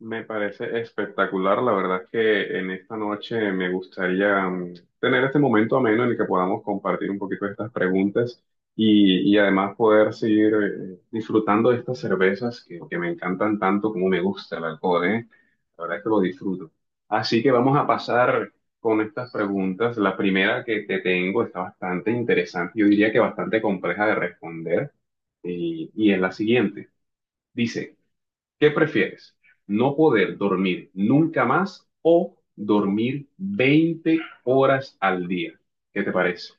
Me parece espectacular, la verdad es que en esta noche me gustaría tener este momento ameno en el que podamos compartir un poquito de estas preguntas y además poder seguir disfrutando de estas cervezas que me encantan tanto como me gusta el alcohol, ¿eh? La verdad es que lo disfruto. Así que vamos a pasar con estas preguntas. La primera que te tengo está bastante interesante, yo diría que bastante compleja de responder y es la siguiente. Dice, ¿qué prefieres? ¿No poder dormir nunca más o dormir 20 horas al día? ¿Qué te parece?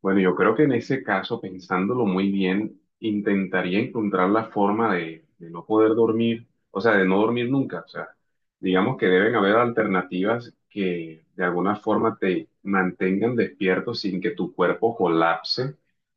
Bueno, yo creo que en ese caso, pensándolo muy bien, intentaría encontrar la forma de, no poder dormir, o sea, de no dormir nunca. O sea, digamos que deben haber alternativas que de alguna forma te mantengan despierto sin que tu cuerpo colapse,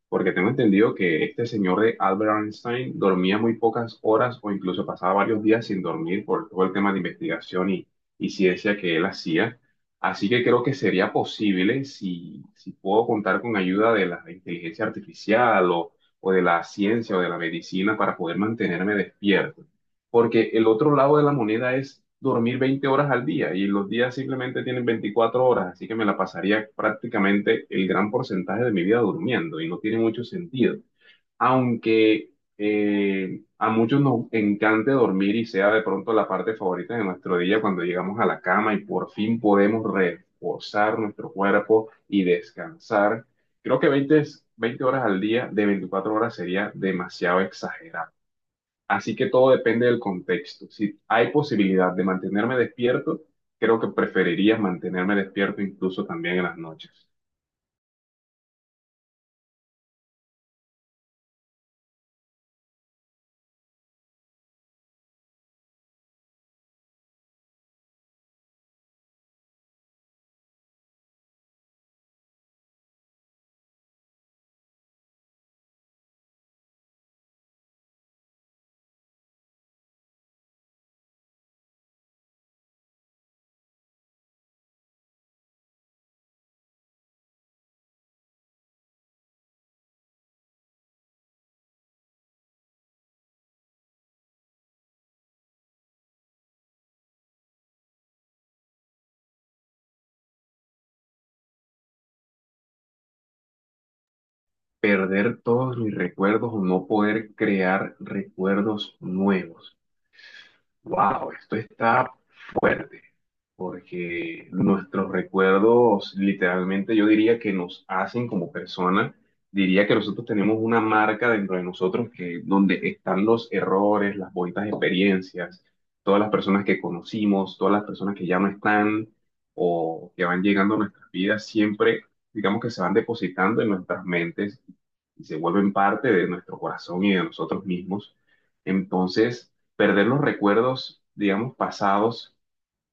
porque tengo entendido que este señor de Albert Einstein dormía muy pocas horas o incluso pasaba varios días sin dormir por todo el tema de investigación y ciencia que él hacía. Así que creo que sería posible si puedo contar con ayuda de la inteligencia artificial o de la ciencia o de la medicina para poder mantenerme despierto. Porque el otro lado de la moneda es dormir 20 horas al día y los días simplemente tienen 24 horas, así que me la pasaría prácticamente el gran porcentaje de mi vida durmiendo y no tiene mucho sentido aunque a muchos nos encante dormir y sea de pronto la parte favorita de nuestro día cuando llegamos a la cama y por fin podemos reposar nuestro cuerpo y descansar, creo que 20 horas al día de 24 horas sería demasiado exagerado. Así que todo depende del contexto. Si hay posibilidad de mantenerme despierto, creo que preferiría mantenerme despierto incluso también en las noches. Perder todos mis recuerdos o no poder crear recuerdos nuevos. Wow, esto está fuerte porque nuestros recuerdos literalmente yo diría que nos hacen como persona, diría que nosotros tenemos una marca dentro de nosotros que donde están los errores, las bonitas experiencias, todas las personas que conocimos, todas las personas que ya no están o que van llegando a nuestras vidas, siempre digamos que se van depositando en nuestras mentes y se vuelven parte de nuestro corazón y de nosotros mismos. Entonces, perder los recuerdos, digamos, pasados.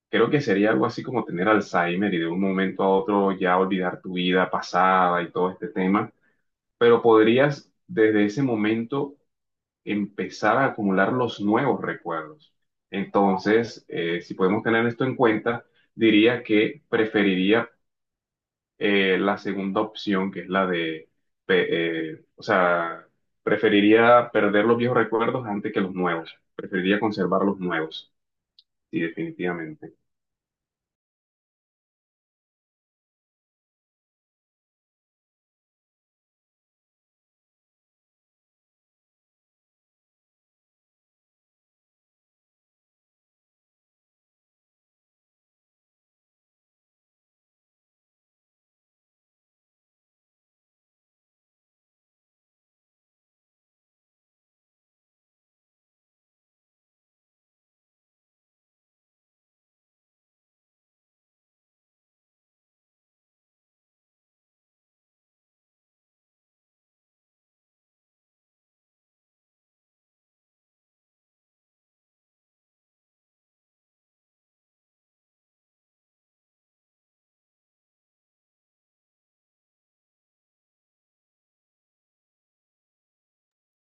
Creo que sería algo así como tener Alzheimer y de un momento a otro ya olvidar tu vida pasada y todo este tema, pero podrías desde ese momento empezar a acumular los nuevos recuerdos. Entonces, si podemos tener esto en cuenta, diría que preferiría la segunda opción, que es la de, o sea, preferiría perder los viejos recuerdos antes que los nuevos. Preferiría conservar los nuevos, sí, definitivamente.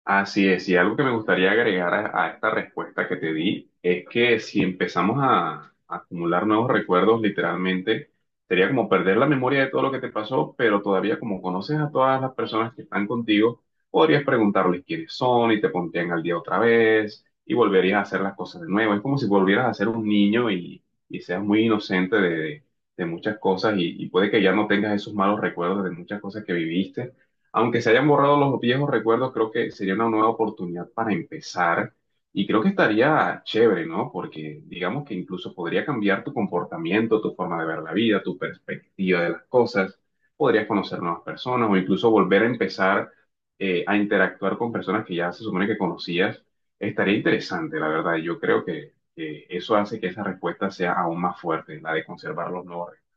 Así es, y algo que me gustaría agregar a, esta respuesta que te di es que si empezamos a acumular nuevos recuerdos, literalmente, sería como perder la memoria de todo lo que te pasó, pero todavía como conoces a todas las personas que están contigo, podrías preguntarles quiénes son y te pondrían al día otra vez y volverías a hacer las cosas de nuevo. Es como si volvieras a ser un niño y, seas muy inocente de muchas cosas y puede que ya no tengas esos malos recuerdos de muchas cosas que viviste aunque se hayan borrado los viejos recuerdos, creo que sería una nueva oportunidad para empezar y creo que estaría chévere, ¿no? Porque digamos que incluso podría cambiar tu comportamiento, tu forma de ver la vida, tu perspectiva de las cosas, podrías conocer nuevas personas o incluso volver a empezar a interactuar con personas que ya se supone que conocías. Estaría interesante, la verdad. Yo creo que eso hace que esa respuesta sea aún más fuerte, la de conservar los nuevos recuerdos.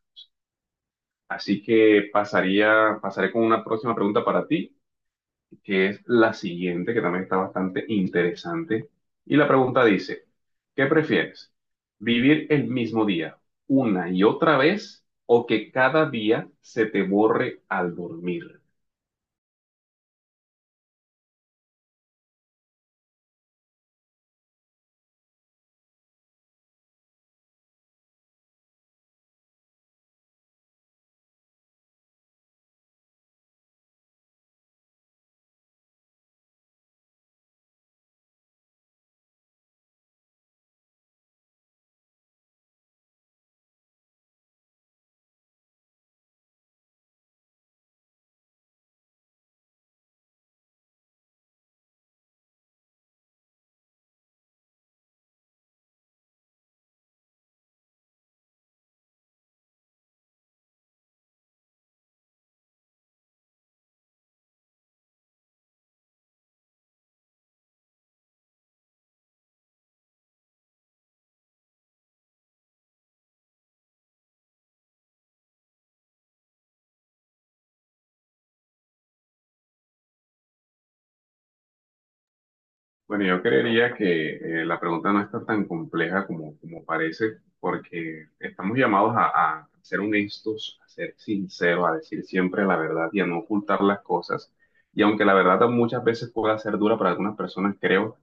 Así que pasaré con una próxima pregunta para ti que es la siguiente, que también está bastante interesante. Y la pregunta dice, ¿qué prefieres? ¿Vivir el mismo día una y otra vez o que cada día se te borre al dormir? Bueno, yo creería que la pregunta no está tan compleja como, como parece, porque estamos llamados a, ser honestos, a ser sinceros, a decir siempre la verdad y a no ocultar las cosas. Y aunque la verdad muchas veces pueda ser dura para algunas personas, creo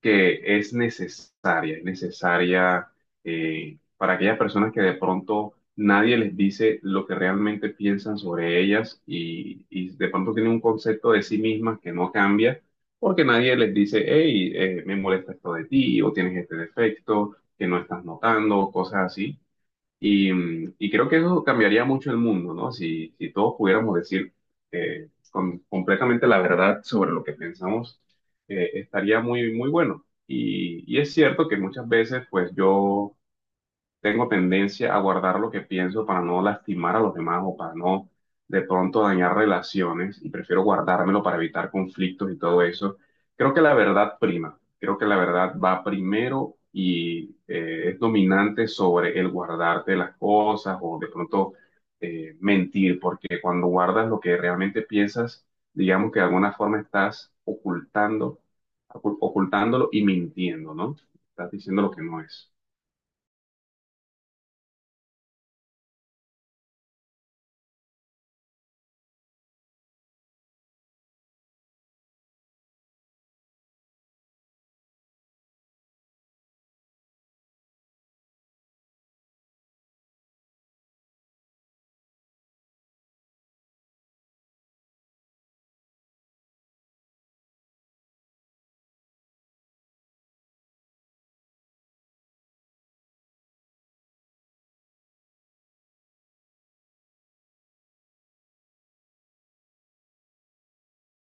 que es necesaria para aquellas personas que de pronto nadie les dice lo que realmente piensan sobre ellas y de pronto tienen un concepto de sí mismas que no cambia porque nadie les dice, hey, me molesta esto de ti o tienes este defecto que no estás notando, o cosas así. Y, y creo que eso cambiaría mucho el mundo, ¿no? si todos pudiéramos decir completamente la verdad sobre lo que pensamos, estaría muy, muy bueno. Y es cierto que muchas veces, pues yo tengo tendencia a guardar lo que pienso para no lastimar a los demás o para no de pronto dañar relaciones y prefiero guardármelo para evitar conflictos y todo eso. Creo que la verdad prima, creo que la verdad va primero y es dominante sobre el guardarte las cosas o de pronto mentir, porque cuando guardas lo que realmente piensas, digamos que de alguna forma estás ocultándolo y mintiendo, ¿no? Estás diciendo lo que no es.